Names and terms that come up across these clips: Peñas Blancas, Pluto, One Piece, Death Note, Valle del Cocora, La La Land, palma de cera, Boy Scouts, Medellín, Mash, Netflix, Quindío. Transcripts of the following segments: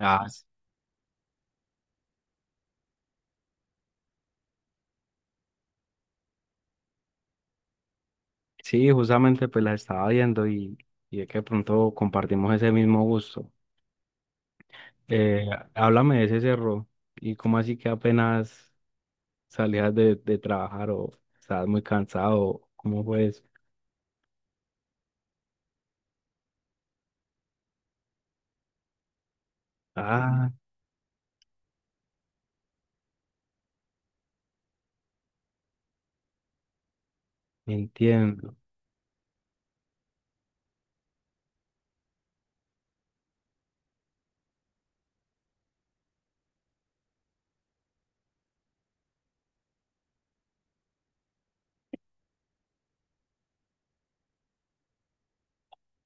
Ah, sí, justamente pues las estaba viendo y es que de pronto compartimos ese mismo gusto. Eh, háblame de ese cerro y cómo así que apenas salías de trabajar o estabas muy cansado, ¿cómo fue eso? Ah, entiendo.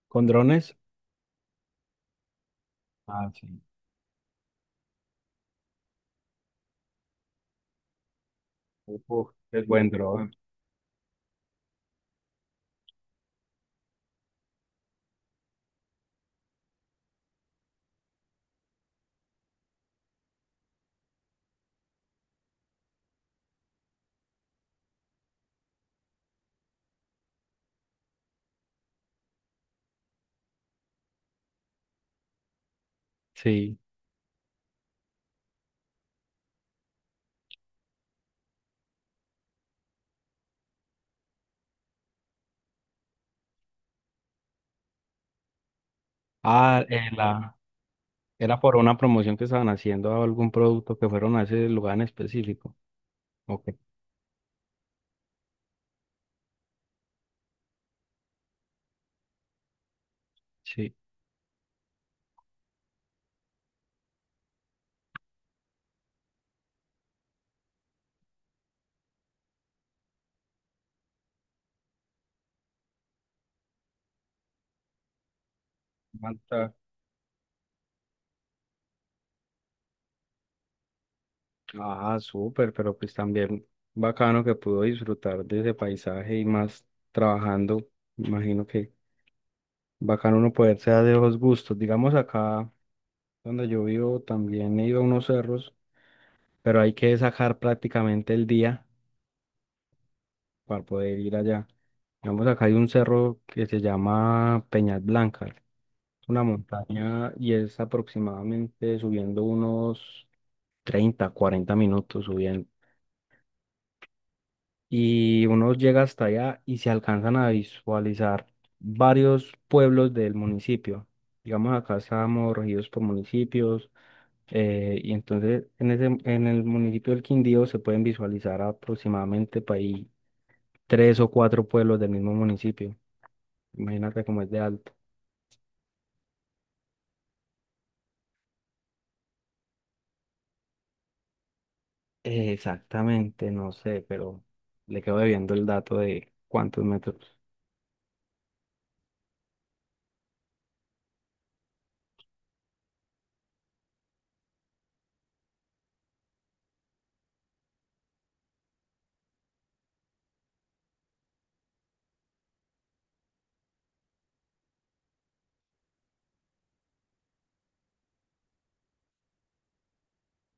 ¿Con drones? Ah, sí. Uf, es buen dron. Sí. Ah, era por una promoción que estaban haciendo a algún producto que fueron a ese lugar en específico. Ok, sí. Ah, súper, pero pues también bacano que pudo disfrutar de ese paisaje y más trabajando. Imagino que bacano uno poderse dar de los gustos. Digamos acá donde yo vivo también he ido a unos cerros, pero hay que sacar prácticamente el día para poder ir allá. Digamos acá hay un cerro que se llama Peñas Blancas. Es una montaña y es aproximadamente subiendo unos 30 40 minutos subiendo. Y uno llega hasta allá y se alcanzan a visualizar varios pueblos del municipio. Digamos, acá estamos regidos por municipios y entonces en ese, en el municipio del Quindío se pueden visualizar aproximadamente para ahí tres o cuatro pueblos del mismo municipio. Imagínate cómo es de alto. Exactamente, no sé, pero le quedo debiendo el dato de cuántos metros.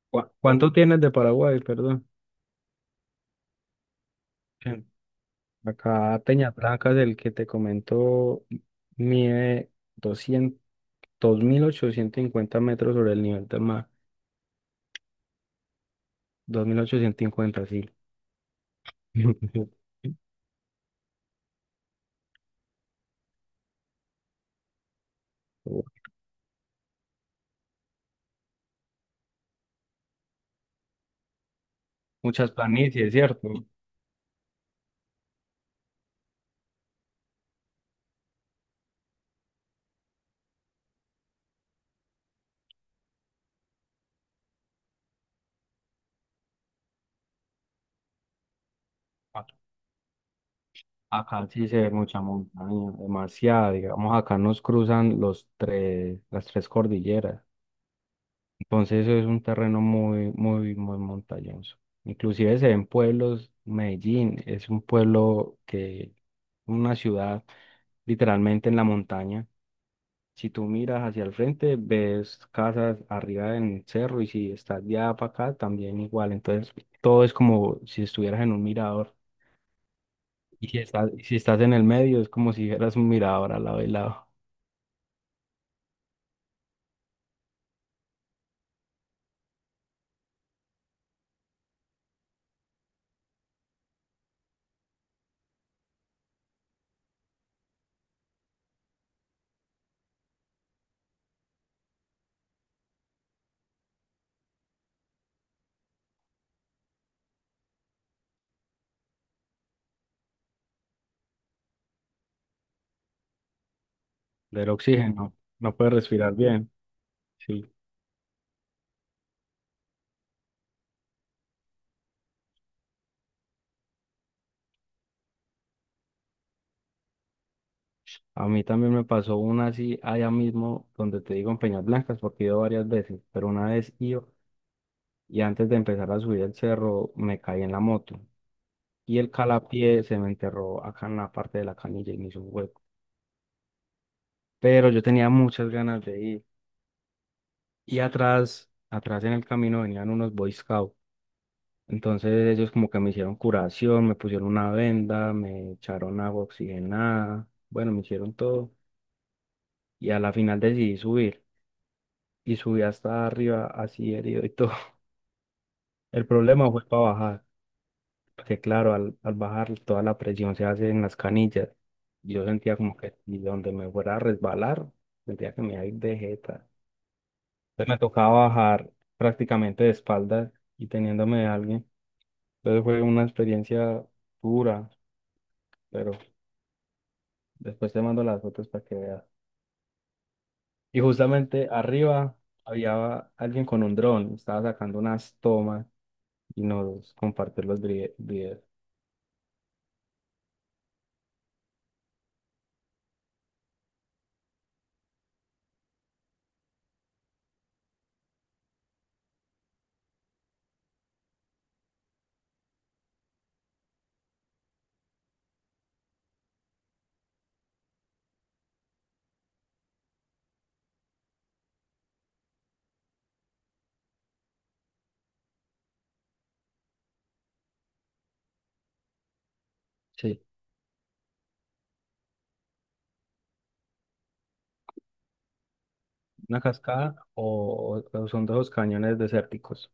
¿Cuánto tienes de Paraguay, perdón? Acá Peña Blancas, el que te comento, mide 200, 2.850 metros sobre el nivel del mar. 2.850, sí. Muchas planicies, ¿cierto? A- Acá sí se ve mucha montaña, demasiada, digamos, acá nos cruzan los tres, las tres cordilleras. Entonces eso es un terreno muy, muy, muy montañoso. Inclusive se ven pueblos, Medellín es un pueblo que, una ciudad literalmente en la montaña. Si tú miras hacia el frente, ves casas arriba en el cerro y si estás de allá para acá, también igual. Entonces todo es como si estuvieras en un mirador. Y si estás en el medio, es como si fueras un mirador al lado y lado del oxígeno. No puedes respirar bien. Sí. A mí también me pasó una así allá mismo donde te digo en Peñas Blancas, porque he ido varias veces, pero una vez iba y antes de empezar a subir el cerro me caí en la moto y el calapié se me enterró acá en la parte de la canilla y me hizo un hueco. Pero yo tenía muchas ganas de ir y atrás, atrás en el camino venían unos Boy Scouts. Entonces ellos como que me hicieron curación, me pusieron una venda, me echaron agua oxigenada, bueno, me hicieron todo y a la final decidí subir y subí hasta arriba así herido y todo. El problema fue para bajar, porque claro, al bajar toda la presión se hace en las canillas. Yo sentía como que y donde me fuera a resbalar, sentía que me iba a ir de jeta. Entonces me tocaba bajar prácticamente de espaldas y teniéndome de alguien. Entonces fue una experiencia dura, pero después te mando las fotos para que veas. Y justamente arriba había alguien con un dron, estaba sacando unas tomas y nos compartió los videos. ¿Una cascada o son de esos cañones desérticos?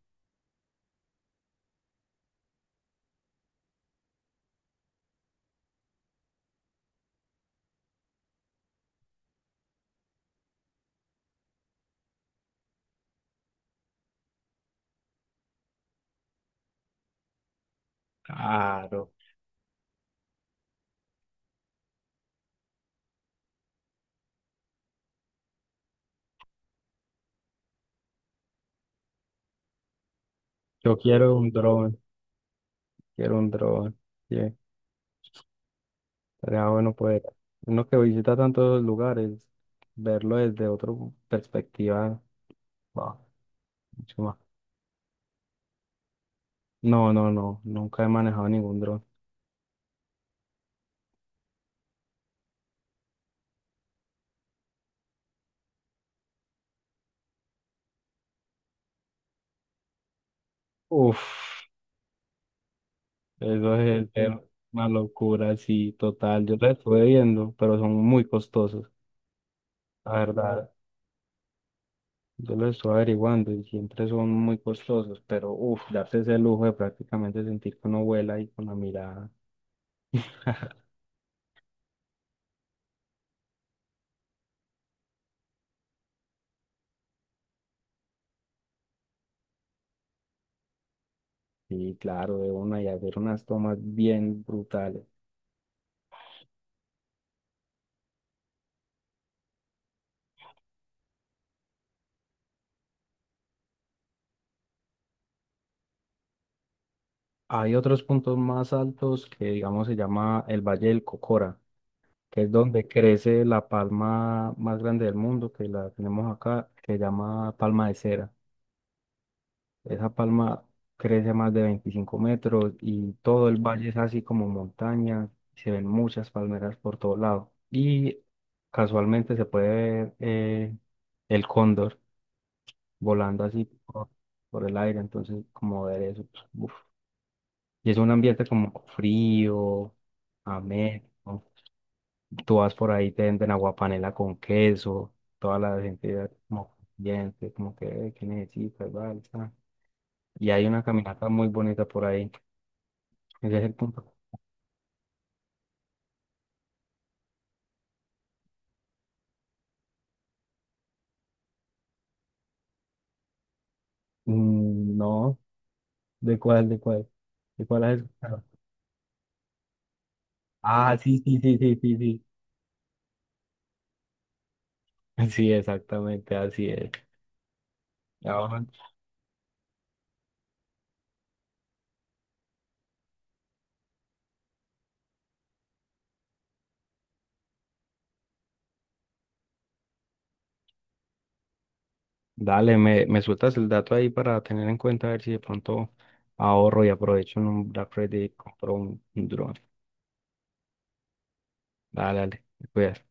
Claro. Yo quiero un dron, quiero un dron. Sí, estaría bueno poder. Uno que visita tantos lugares, verlo desde otra perspectiva. Wow, mucho más. No, no, no, nunca he manejado ningún dron. Uf, eso es ser una locura, sí, total. Yo lo estuve viendo, pero son muy costosos, la verdad. Yo lo estoy averiguando y siempre son muy costosos, pero uff, darse ese lujo de prácticamente sentir que uno vuela y con la mirada, y claro, de una y hacer unas tomas bien brutales. Hay otros puntos más altos que, digamos, se llama el Valle del Cocora, que es donde crece la palma más grande del mundo, que la tenemos acá, que se llama palma de cera. Esa palma crece más de 25 metros y todo el valle es así como montaña. Se ven muchas palmeras por todo lado. Y casualmente se puede ver el cóndor volando así por el aire. Entonces, como ver eso, pues, uf. Y es un ambiente como frío, ameno. Tú vas por ahí, te venden aguapanela con queso. Toda la gente como, bien, como que, ¿qué necesitas? Vale, está". Y hay una caminata muy bonita por ahí. Ese es el punto. Mm, no, ¿de cuál, de cuál? ¿De cuál has escuchado? Ah, sí, sí, sí, sí, sí, sí. Sí, exactamente, así es. Ahora, dale, me sueltas el dato ahí para tener en cuenta a ver si de pronto ahorro y aprovecho en un Black Friday y compro un dron. Dale, dale, te cuidas.